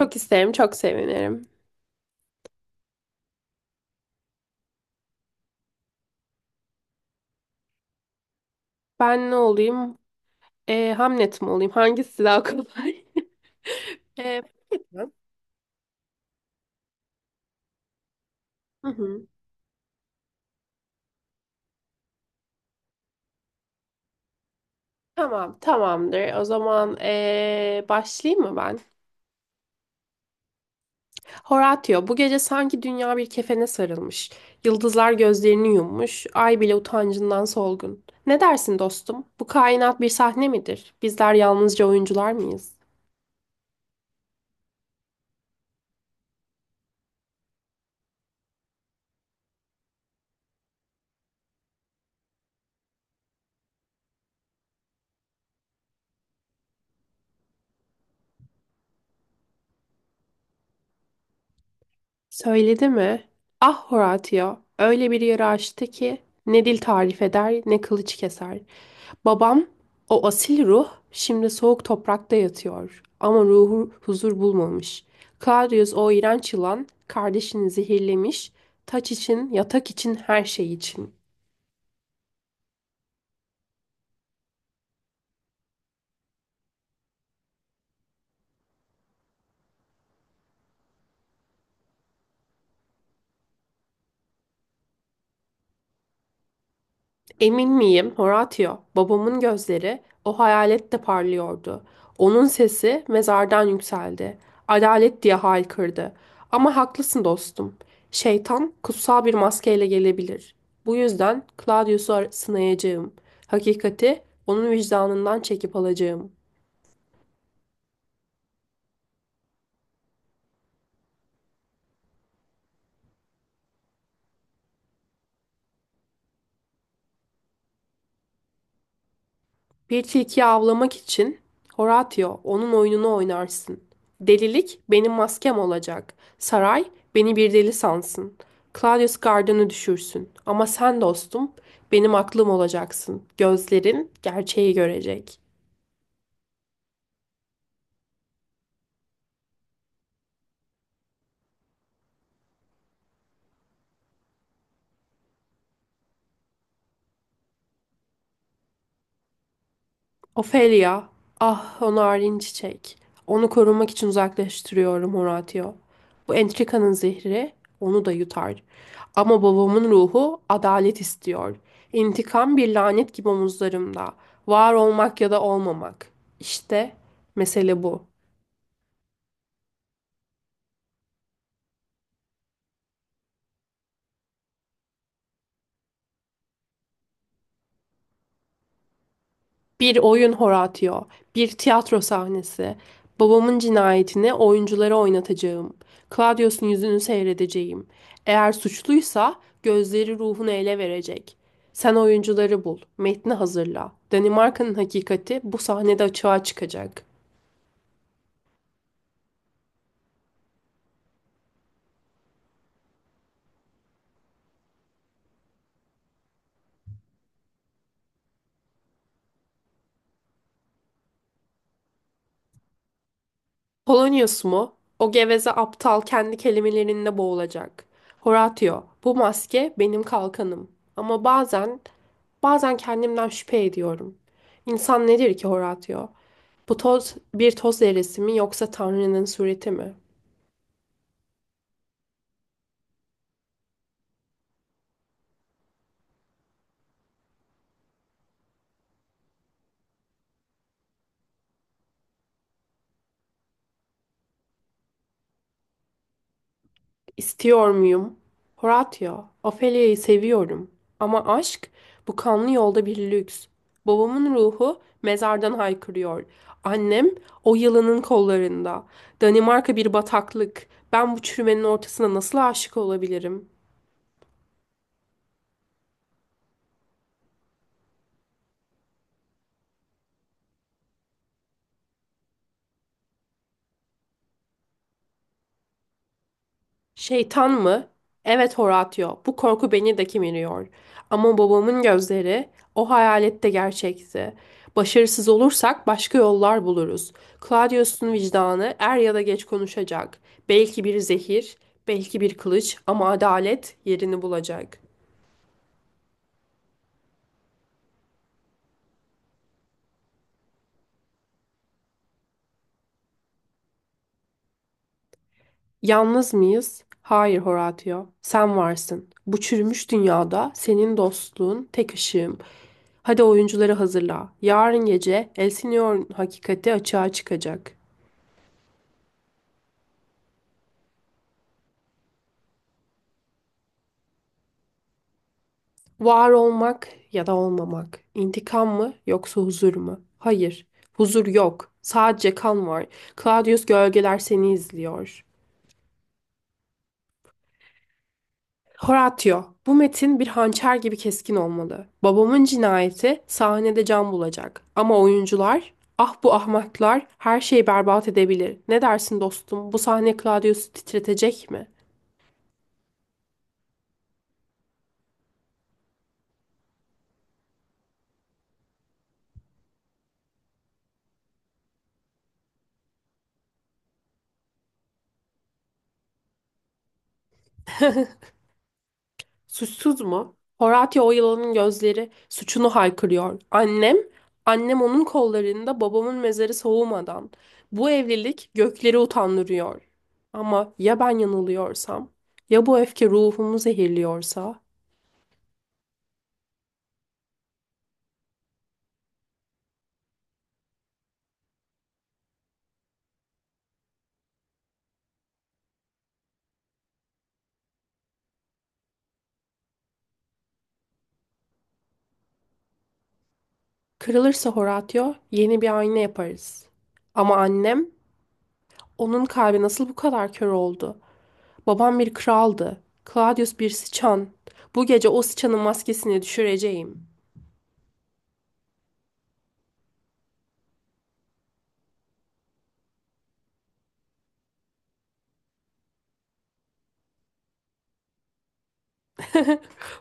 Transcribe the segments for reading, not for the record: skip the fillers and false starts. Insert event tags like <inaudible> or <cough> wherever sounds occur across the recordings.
Çok isterim, çok sevinirim. Ben ne olayım? Hamlet mi olayım? Hangisi daha kolay? <laughs> Ee, Hı hı. Tamam, tamamdır. O zaman başlayayım mı ben? Horatio, bu gece sanki dünya bir kefene sarılmış. Yıldızlar gözlerini yummuş, ay bile utancından solgun. Ne dersin dostum? Bu kainat bir sahne midir? Bizler yalnızca oyuncular mıyız? Söyledi mi? Ah Horatio, öyle bir yara açtı ki ne dil tarif eder ne kılıç keser. Babam, o asil ruh şimdi soğuk toprakta yatıyor ama ruhu huzur bulmamış. Claudius o iğrenç yılan kardeşini zehirlemiş, taç için, yatak için, her şey için. Emin miyim, Horatio? Babamın gözleri o hayalette parlıyordu. Onun sesi mezardan yükseldi. Adalet diye haykırdı. Ama haklısın dostum. Şeytan kutsal bir maskeyle gelebilir. Bu yüzden Claudius'u sınayacağım. Hakikati onun vicdanından çekip alacağım. Bir tilkiyi avlamak için Horatio onun oyununu oynarsın. Delilik benim maskem olacak. Saray beni bir deli sansın. Claudius gardını düşürsün. Ama sen dostum benim aklım olacaksın. Gözlerin gerçeği görecek. Ofelia, ah o narin çiçek. Onu korumak için uzaklaştırıyorum Horatio. Bu entrikanın zehri onu da yutar. Ama babamın ruhu adalet istiyor. İntikam bir lanet gibi omuzlarımda. Var olmak ya da olmamak. İşte mesele bu. Bir oyun Horatio, bir tiyatro sahnesi. Babamın cinayetini oyunculara oynatacağım. Claudius'un yüzünü seyredeceğim. Eğer suçluysa gözleri ruhunu ele verecek. Sen oyuncuları bul, metni hazırla. Danimarka'nın hakikati bu sahnede açığa çıkacak. Polonius mu? O geveze aptal kendi kelimelerinde boğulacak. Horatio, bu maske benim kalkanım. Ama bazen, bazen kendimden şüphe ediyorum. İnsan nedir ki Horatio? Bu toz bir toz zerresi mi yoksa Tanrı'nın sureti mi? İstiyor muyum? Horatio, Ophelia'yı seviyorum. Ama aşk, bu kanlı yolda bir lüks. Babamın ruhu mezardan haykırıyor. Annem o yılanın kollarında. Danimarka bir bataklık. Ben bu çürümenin ortasına nasıl aşık olabilirim? Şeytan mı? Evet Horatio, bu korku beni de kemiriyor. Ama babamın gözleri o hayalette gerçekti. Başarısız olursak başka yollar buluruz. Claudius'un vicdanı er ya da geç konuşacak. Belki bir zehir, belki bir kılıç ama adalet yerini bulacak. Yalnız mıyız? Hayır Horatio, sen varsın. Bu çürümüş dünyada senin dostluğun tek ışığım. Hadi oyuncuları hazırla. Yarın gece Elsinore'un hakikati açığa çıkacak. Var olmak ya da olmamak. İntikam mı yoksa huzur mu? Hayır, huzur yok. Sadece kan var. Claudius gölgeler seni izliyor. Horatio, bu metin bir hançer gibi keskin olmalı. Babamın cinayeti sahnede can bulacak. Ama oyuncular, ah bu ahmaklar her şeyi berbat edebilir. Ne dersin dostum, bu sahne Claudius'u titretecek mi? Suçsuz mu? Horatio o yılanın gözleri suçunu haykırıyor. Annem onun kollarında babamın mezarı soğumadan. Bu evlilik gökleri utandırıyor. Ama ya ben yanılıyorsam? Ya bu öfke ruhumu zehirliyorsa? Kırılırsa Horatio yeni bir ayna yaparız. Ama annem, onun kalbi nasıl bu kadar kör oldu? Babam bir kraldı. Claudius bir sıçan. Bu gece o sıçanın maskesini düşüreceğim.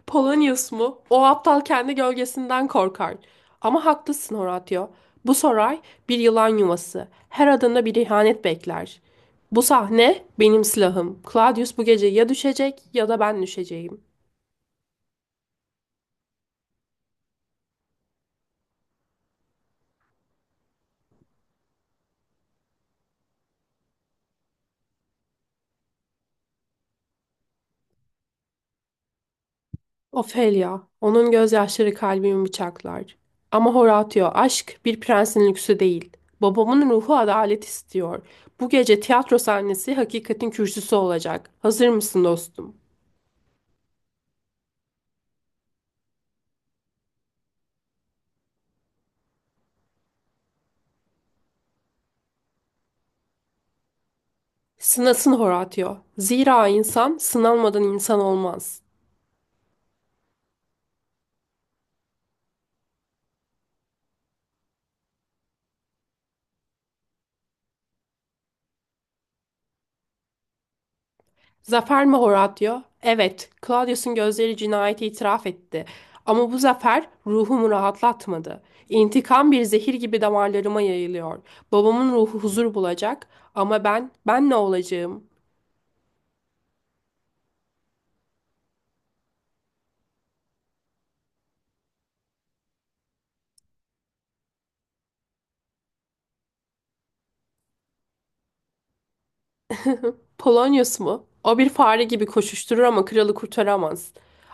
Polonius mu? O aptal kendi gölgesinden korkar. Ama haklısın Horatio. Bu saray bir yılan yuvası. Her adımda bir ihanet bekler. Bu sahne benim silahım. Claudius bu gece ya düşecek ya da ben düşeceğim. Ofelia, onun gözyaşları kalbimi bıçaklar. Ama Horatio, aşk bir prensin lüksü değil. Babamın ruhu adalet istiyor. Bu gece tiyatro sahnesi hakikatin kürsüsü olacak. Hazır mısın dostum? Sınasın Horatio. Zira insan sınanmadan insan olmaz. Zafer mi Horatio? Evet, Claudius'un gözleri cinayeti itiraf etti. Ama bu zafer ruhumu rahatlatmadı. İntikam bir zehir gibi damarlarıma yayılıyor. Babamın ruhu huzur bulacak ama ben ne olacağım? Polonius mu? O bir fare gibi koşuşturur ama kralı kurtaramaz.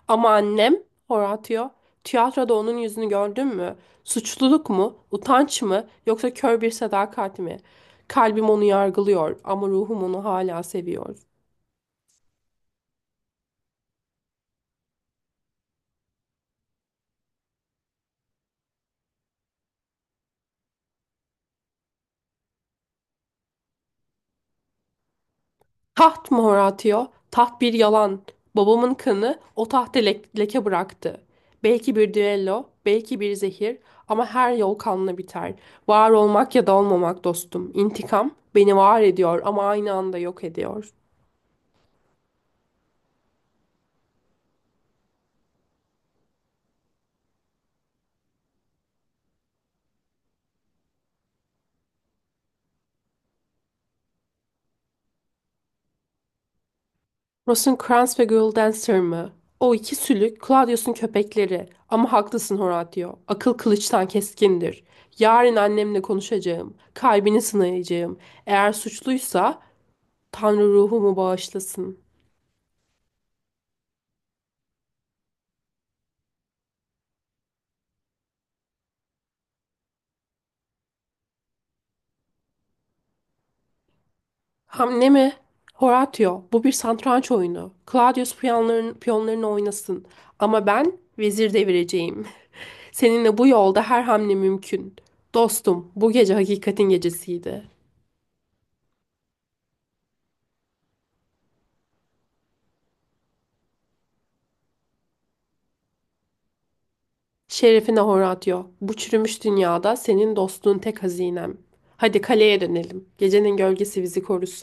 Ama annem, Horatio, tiyatroda onun yüzünü gördün mü? Suçluluk mu? Utanç mı? Yoksa kör bir sadakat mi? Kalbim onu yargılıyor ama ruhum onu hala seviyor. Taht mı Horatio? Taht bir yalan. Babamın kanı o tahta leke bıraktı. Belki bir düello, belki bir zehir ama her yol kanla biter. Var olmak ya da olmamak dostum. İntikam beni var ediyor ama aynı anda yok ediyor. Rosencrantz ve Guildenstern mı? O iki sülük Claudius'un köpekleri. Ama haklısın Horatio. Akıl kılıçtan keskindir. Yarın annemle konuşacağım. Kalbini sınayacağım. Eğer suçluysa Tanrı ruhumu bağışlasın. Hamle mi? Horatio, bu bir satranç oyunu. Claudius piyonlarını oynasın. Ama ben vezir devireceğim. <laughs> Seninle bu yolda her hamle mümkün. Dostum, bu gece hakikatin gecesiydi. Şerefine Horatio, bu çürümüş dünyada senin dostluğun tek hazinem. Hadi kaleye dönelim. Gecenin gölgesi bizi korusun.